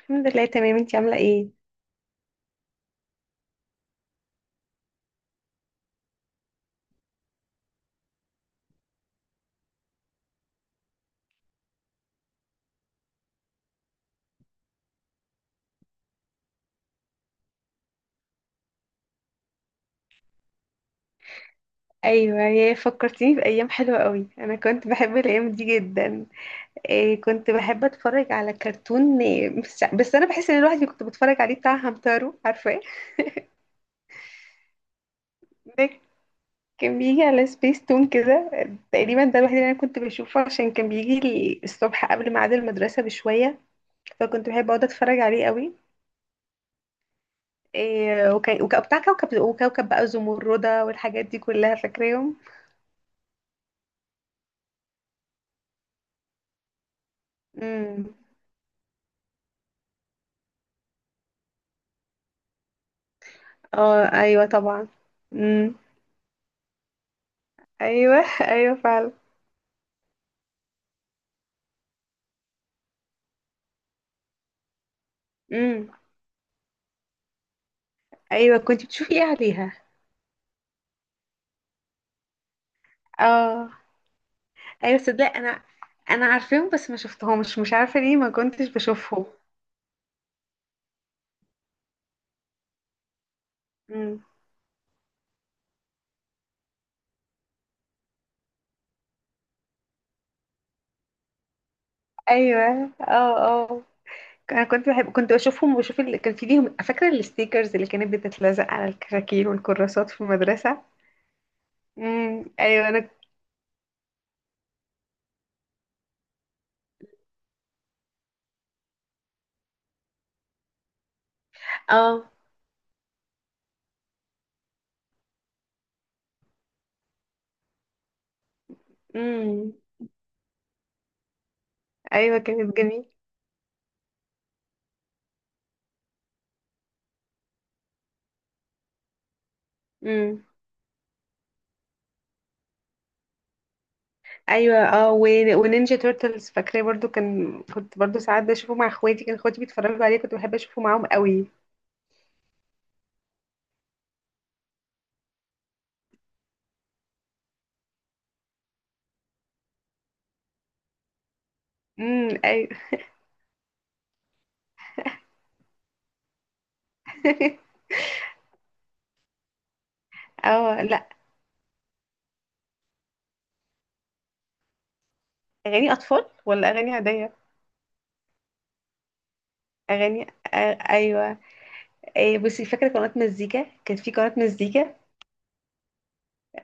الحمد لله، تمام. انتي عاملة ايه؟ ايوه، يا فكرتيني بأيام حلوة قوي. انا كنت بحب الأيام دي جدا. إيه، كنت بحب اتفرج على كرتون إيه، بس انا بحس ان الواحد اللي كنت بتفرج عليه بتاع همتارو، عارفاه؟ ده كان بيجي على سبيس تون كده. تقريبا ده الوحيد اللي انا كنت بشوفه، عشان كان بيجي لي الصبح قبل ميعاد المدرسة بشوية، فكنت بحب اقعد اتفرج عليه قوي. إيه، وكان بتاع كوكب وكوكب بقى زمردة والحاجات دي كلها، فاكراهم. امم اه، ايوه طبعا. مم. ايوه. ايوه فعلا. امم ايوه، كنت بتشوفي ايه عليها؟ اه، ايوه صدق. انا عارفاهم بس ما شفتهمش، مش عارفه ليه ما كنتش بشوفهم. امم. ايوه. اه اه. انا كنت بحب، كنت بشوفهم وبشوف اللي كان في ليهم، فاكره الستيكرز اللي كانت بتتلزق على الكراكيب والكراسات في المدرسه. ايوه انا. اه. امم ايوه، كانت جميله. امم ايوه. اه ونينجا تورتلز، فاكراه برضو. كنت برضو ساعات بشوفه مع اخواتي، كان اخواتي بيتفرجوا عليه، كنت بحب اشوفه معاهم قوي. امم. ايوه. اه. لا، اغاني اطفال ولا اغاني عاديه؟ اغاني. آه ايوه. إيه، بصي، فاكره قناه مزيكا؟ كان في قناه مزيكا.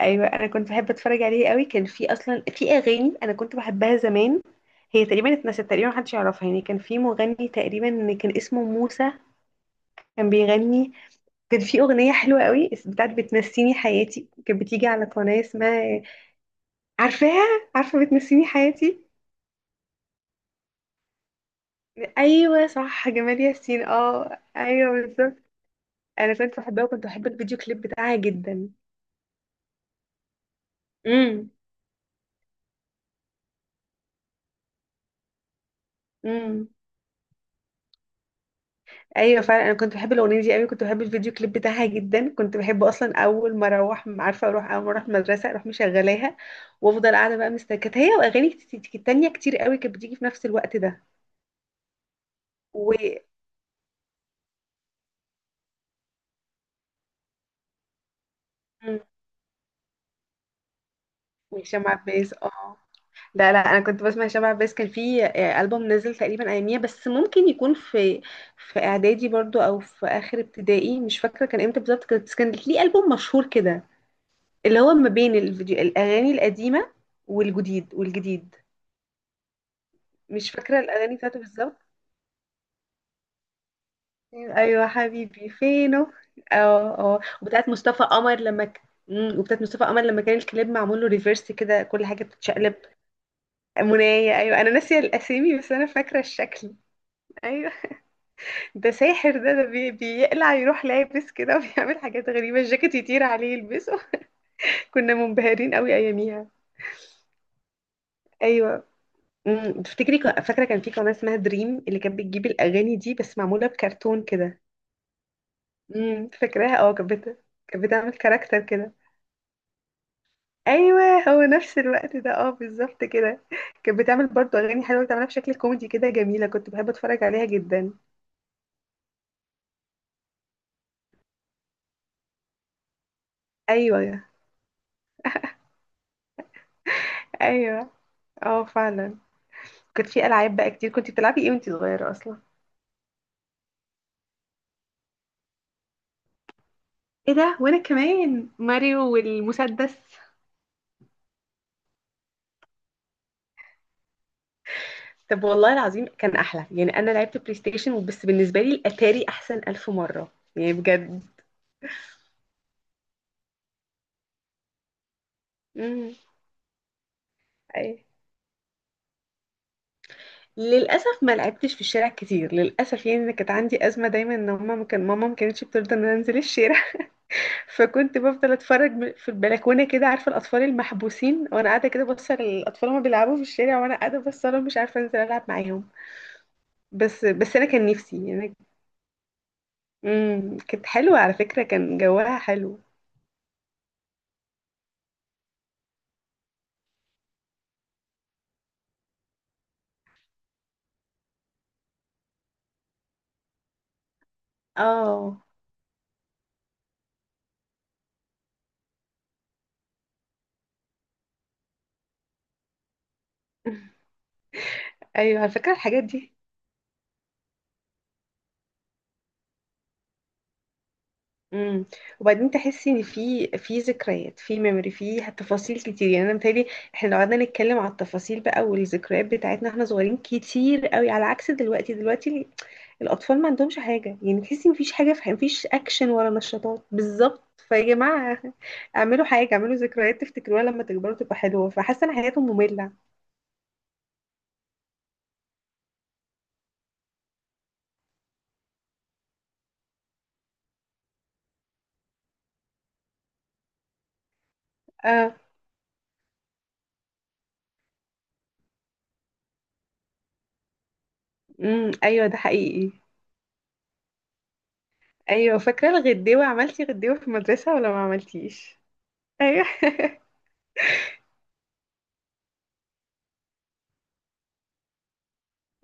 ايوه، انا كنت بحب اتفرج عليه قوي. كان في اصلا في اغاني انا كنت بحبها زمان، هي تقريبا اتنست، تقريبا محدش يعرفها. يعني كان في مغني تقريبا كان اسمه موسى، كان بيغني. كان في أغنية حلوة قوي، بتاعت بتنسيني حياتي، كانت بتيجي على قناة اسمها، عارفاها؟ عارفة بتنسيني حياتي. أيوة صح، جمال ياسين، اه أيوة بالظبط. أنا كنت بحبها وكنت بحب الفيديو كليب بتاعها جدا. امم. امم. أيوة فعلا، أنا كنت بحب الأغنية دي قوي، كنت بحب الفيديو كليب بتاعها جدا. كنت بحب أصلا أول ما أروح، عارفة أروح، أول ما أروح المدرسة أروح مشغلاها، وأفضل قاعدة بقى مستكت هي وأغاني تانية كتير قوي كانت بتيجي في نفس الوقت ده. و، مم. وهشام عباس، اه. لا لا، انا كنت بسمع شبع، بس كان في البوم نزل تقريبا اياميها. بس ممكن يكون في، في اعدادي برضو، او في اخر ابتدائي، مش فاكره كان امتى بالظبط. بس كان ليه البوم مشهور كده، اللي هو ما بين الفيديو الاغاني القديمه، والجديد. مش فاكره الاغاني بتاعته بالظبط. ايوه، حبيبي فينه، اه. اه، وبتاعت مصطفى قمر مم، وبتاعت مصطفى قمر لما كان الكليب معمول له ريفيرس كده، كل حاجه بتتشقلب. منايه، ايوه، انا ناسيه الاسامي بس انا فاكره الشكل. ايوه. ده ساحر، ده بيقلع، يروح لابس كده وبيعمل حاجات غريبة، الجاكيت يطير عليه يلبسه. كنا منبهرين قوي أياميها. أيوة. أمم، تفتكري فاكرة كان في قناة اسمها دريم اللي كانت بتجيب الأغاني دي بس معمولة بكرتون كده؟ امم، فاكراها، اه. كانت بتعمل كاركتر كده. أيوة. هو نفس الوقت ده، اه، بالظبط كده. كانت بتعمل برضه أغاني حلوة، بتعملها بشكل كوميدي كده، جميلة. كنت بحب أتفرج عليها جدا. أيوة. أيوة. اه، فعلا. كانت في ألعاب بقى كتير، كنت بتلعبي ايه وانتي صغيرة أصلا؟ ايه ده، وانا كمان ماريو والمسدس. طب والله العظيم كان احلى، يعني انا لعبت بلاي ستيشن بس بالنسبه لي الاتاري احسن الف مره، يعني بجد. امم. اي. للاسف ما لعبتش في الشارع كتير، للاسف. يعني انا كانت عندي ازمه دايما ان ماما، ما كانتش بترضى ان انا انزل الشارع. فكنت بفضل اتفرج في البلكونه كده، عارفه الاطفال المحبوسين، وانا قاعده كده بص على الاطفال وهما بيلعبوا في الشارع، وانا قاعده بص لهم مش عارفه انزل العب معاهم. بس انا كان نفسي يعني. امم، كانت حلوة على فكرة، كان جواها حلو. اه. ايوه، على فكرة الحاجات دي. امم. وبعدين تحسي ان في ذكريات، في ميموري، في تفاصيل كتير. يعني انا متهيألي احنا لو قعدنا نتكلم على التفاصيل بقى والذكريات بتاعتنا احنا صغيرين كتير قوي، على عكس دلوقتي. دلوقتي الاطفال ما عندهمش حاجة، يعني تحسي مفيش حاجة، مفيش اكشن ولا نشاطات بالظبط. فيا جماعة، اعملوا حاجة، اعملوا ذكريات تفتكروها لما تكبروا تبقى حلوة. فحاسة ان حياتهم مملة. اه. امم. ايوه، ده حقيقي. ايوه، فاكره الغديوه؟ عملتي غديوه في المدرسه ولا ما عملتيش؟ ايوه.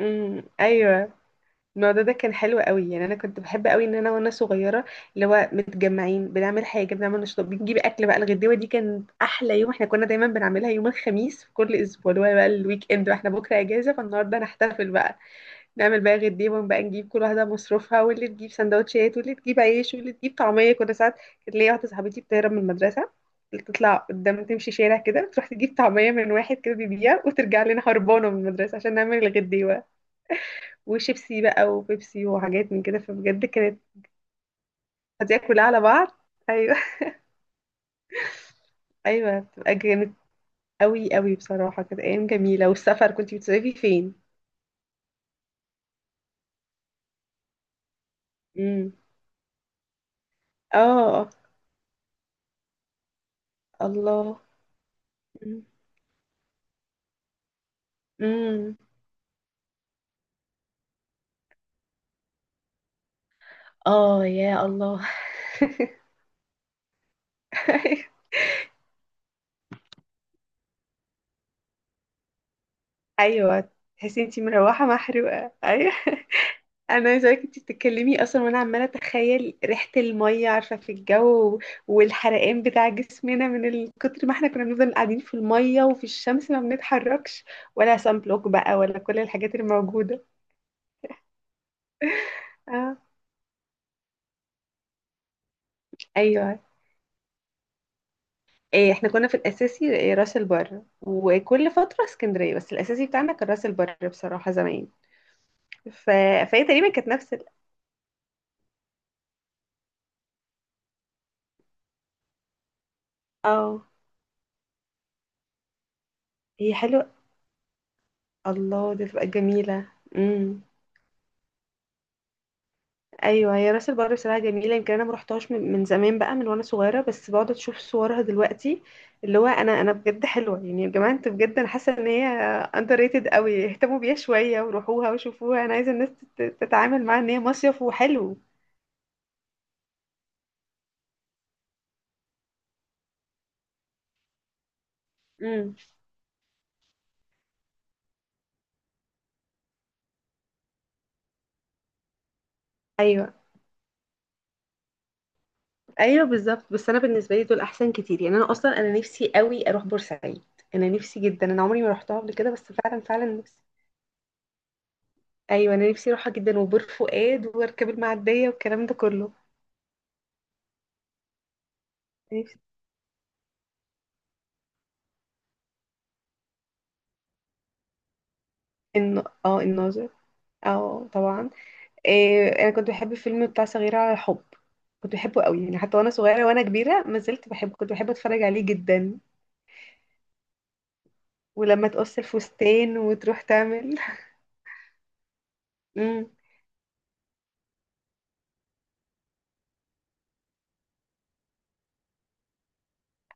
امم. ايوه، الموضوع ده كان حلو قوي. يعني انا كنت بحب قوي ان انا وانا صغيره، اللي هو متجمعين بنعمل حاجه، بنعمل نشاط، بنجيب اكل بقى. الغديوه دي كانت احلى يوم، احنا كنا دايما بنعملها يوم الخميس في كل اسبوع، اللي هو بقى الويك اند واحنا بكره اجازه، فالنهارده نحتفل بقى. نعمل بقى غير دي بقى، نجيب كل واحدة مصروفها، واللي تجيب سندوتشات واللي تجيب عيش واللي تجيب طعمية. كنا ساعات، كانت ليا واحدة صاحبتي بتهرب من المدرسة، تطلع قدام تمشي شارع كده تروح تجيب طعمية من واحد كده بيبيع وترجع لنا هربانة من المدرسة عشان نعمل الغديوة. وشيبسي بقى وبيبسي وحاجات من كده، فبجد كانت، هتلاقيها كلها على بعض. أيوة. أيوة بتبقى جامد. أوي أوي بصراحة، كانت أيام جميلة. والسفر، كنت بتصيفي فين؟ امم. اه. الله. امم. اه يا الله. ايوه، تحسي انتي مروحه محروقه، ايوه. انا عايزه اقولك، انتي بتتكلمي اصلا وانا عماله اتخيل ريحه الميه، عارفه في الجو، والحرقان بتاع جسمنا من كتر ما احنا كنا بنفضل قاعدين في الميه وفي الشمس ما بنتحركش. ولا سان بلوك بقى ولا كل الحاجات الموجوده. اه. ايوه، إيه، احنا كنا في الاساسي إيه، راس البر، وكل فتره اسكندريه، بس الاساسي بتاعنا كان راس البر بصراحه زمان. ف... فهي تقريبا كانت نفس اه، هي حلوه. الله، دي تبقى جميلة. امم. ايوه، هي راس البر بصراحة جميلة. يمكن انا ما رحتهاش من زمان بقى، من وانا صغيرة، بس بقعد اشوف صورها دلوقتي، اللي هو انا، انا بجد حلوة. يعني يا جماعة انتوا بجد، انا حاسة ان هي اندر ريتد قوي. اهتموا بيها شوية وروحوها وشوفوها، انا عايزة الناس تتعامل معاها ان هي مصيف وحلو. امم. ايوه. ايوه بالظبط. بس انا بالنسبة لي دول احسن كتير. يعني انا اصلا انا نفسي قوي اروح بورسعيد، انا نفسي جدا، انا عمري ما رحتها قبل كده، بس فعلا فعلا. ايوه انا نفسي اروحها جدا، وبور فؤاد واركب المعديه والكلام ده كله. نفسي. ان اه، الناظر، اه طبعا. إيه، انا كنت بحب الفيلم بتاع صغيره على الحب، كنت بحبه قوي. يعني حتى وانا صغيره وانا كبيره ما زلت بحبه، كنت بحب اتفرج عليه جدا. ولما تقص الفستان وتروح تعمل. امم.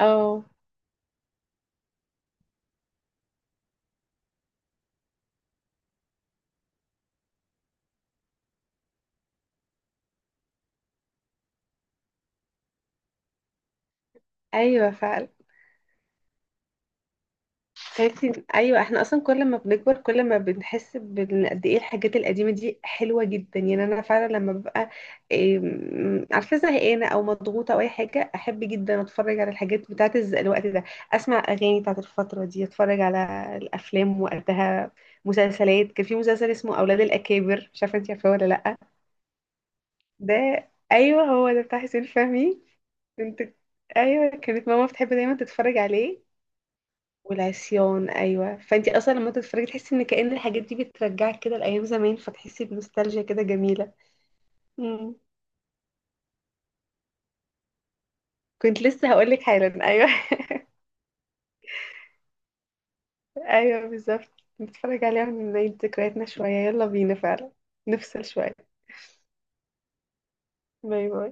اه. ايوه فعلا. فهمتي، ايوه احنا اصلا كل ما بنكبر كل ما بنحس قد ايه الحاجات القديمه دي حلوه جدا. يعني انا فعلا لما ببقى إيه، عارفه زهقانه او مضغوطه او اي حاجه، احب جدا اتفرج على الحاجات بتاعت الوقت ده، اسمع اغاني بتاعت الفتره دي، اتفرج على الافلام وقتها. مسلسلات، كان في مسلسل اسمه اولاد الاكابر، مش عارفه انت عارفاه ولا لا؟ ده. ايوه، هو ده بتاع حسين فهمي. كنت، ايوه كانت ماما بتحب دايما تتفرج عليه. والعصيان، ايوه. فانتي اصلا لما تتفرجي تحسي ان كأن الحاجات دي بترجعك كده لايام زمان، فتحسي بنوستالجيا كده جميله. مم. كنت لسه هقول لك حالا، ايوه. ايوه بالظبط، نتفرج عليها ونعيد ذكرياتنا شويه، يلا بينا فعلا، نفصل شويه. باي باي.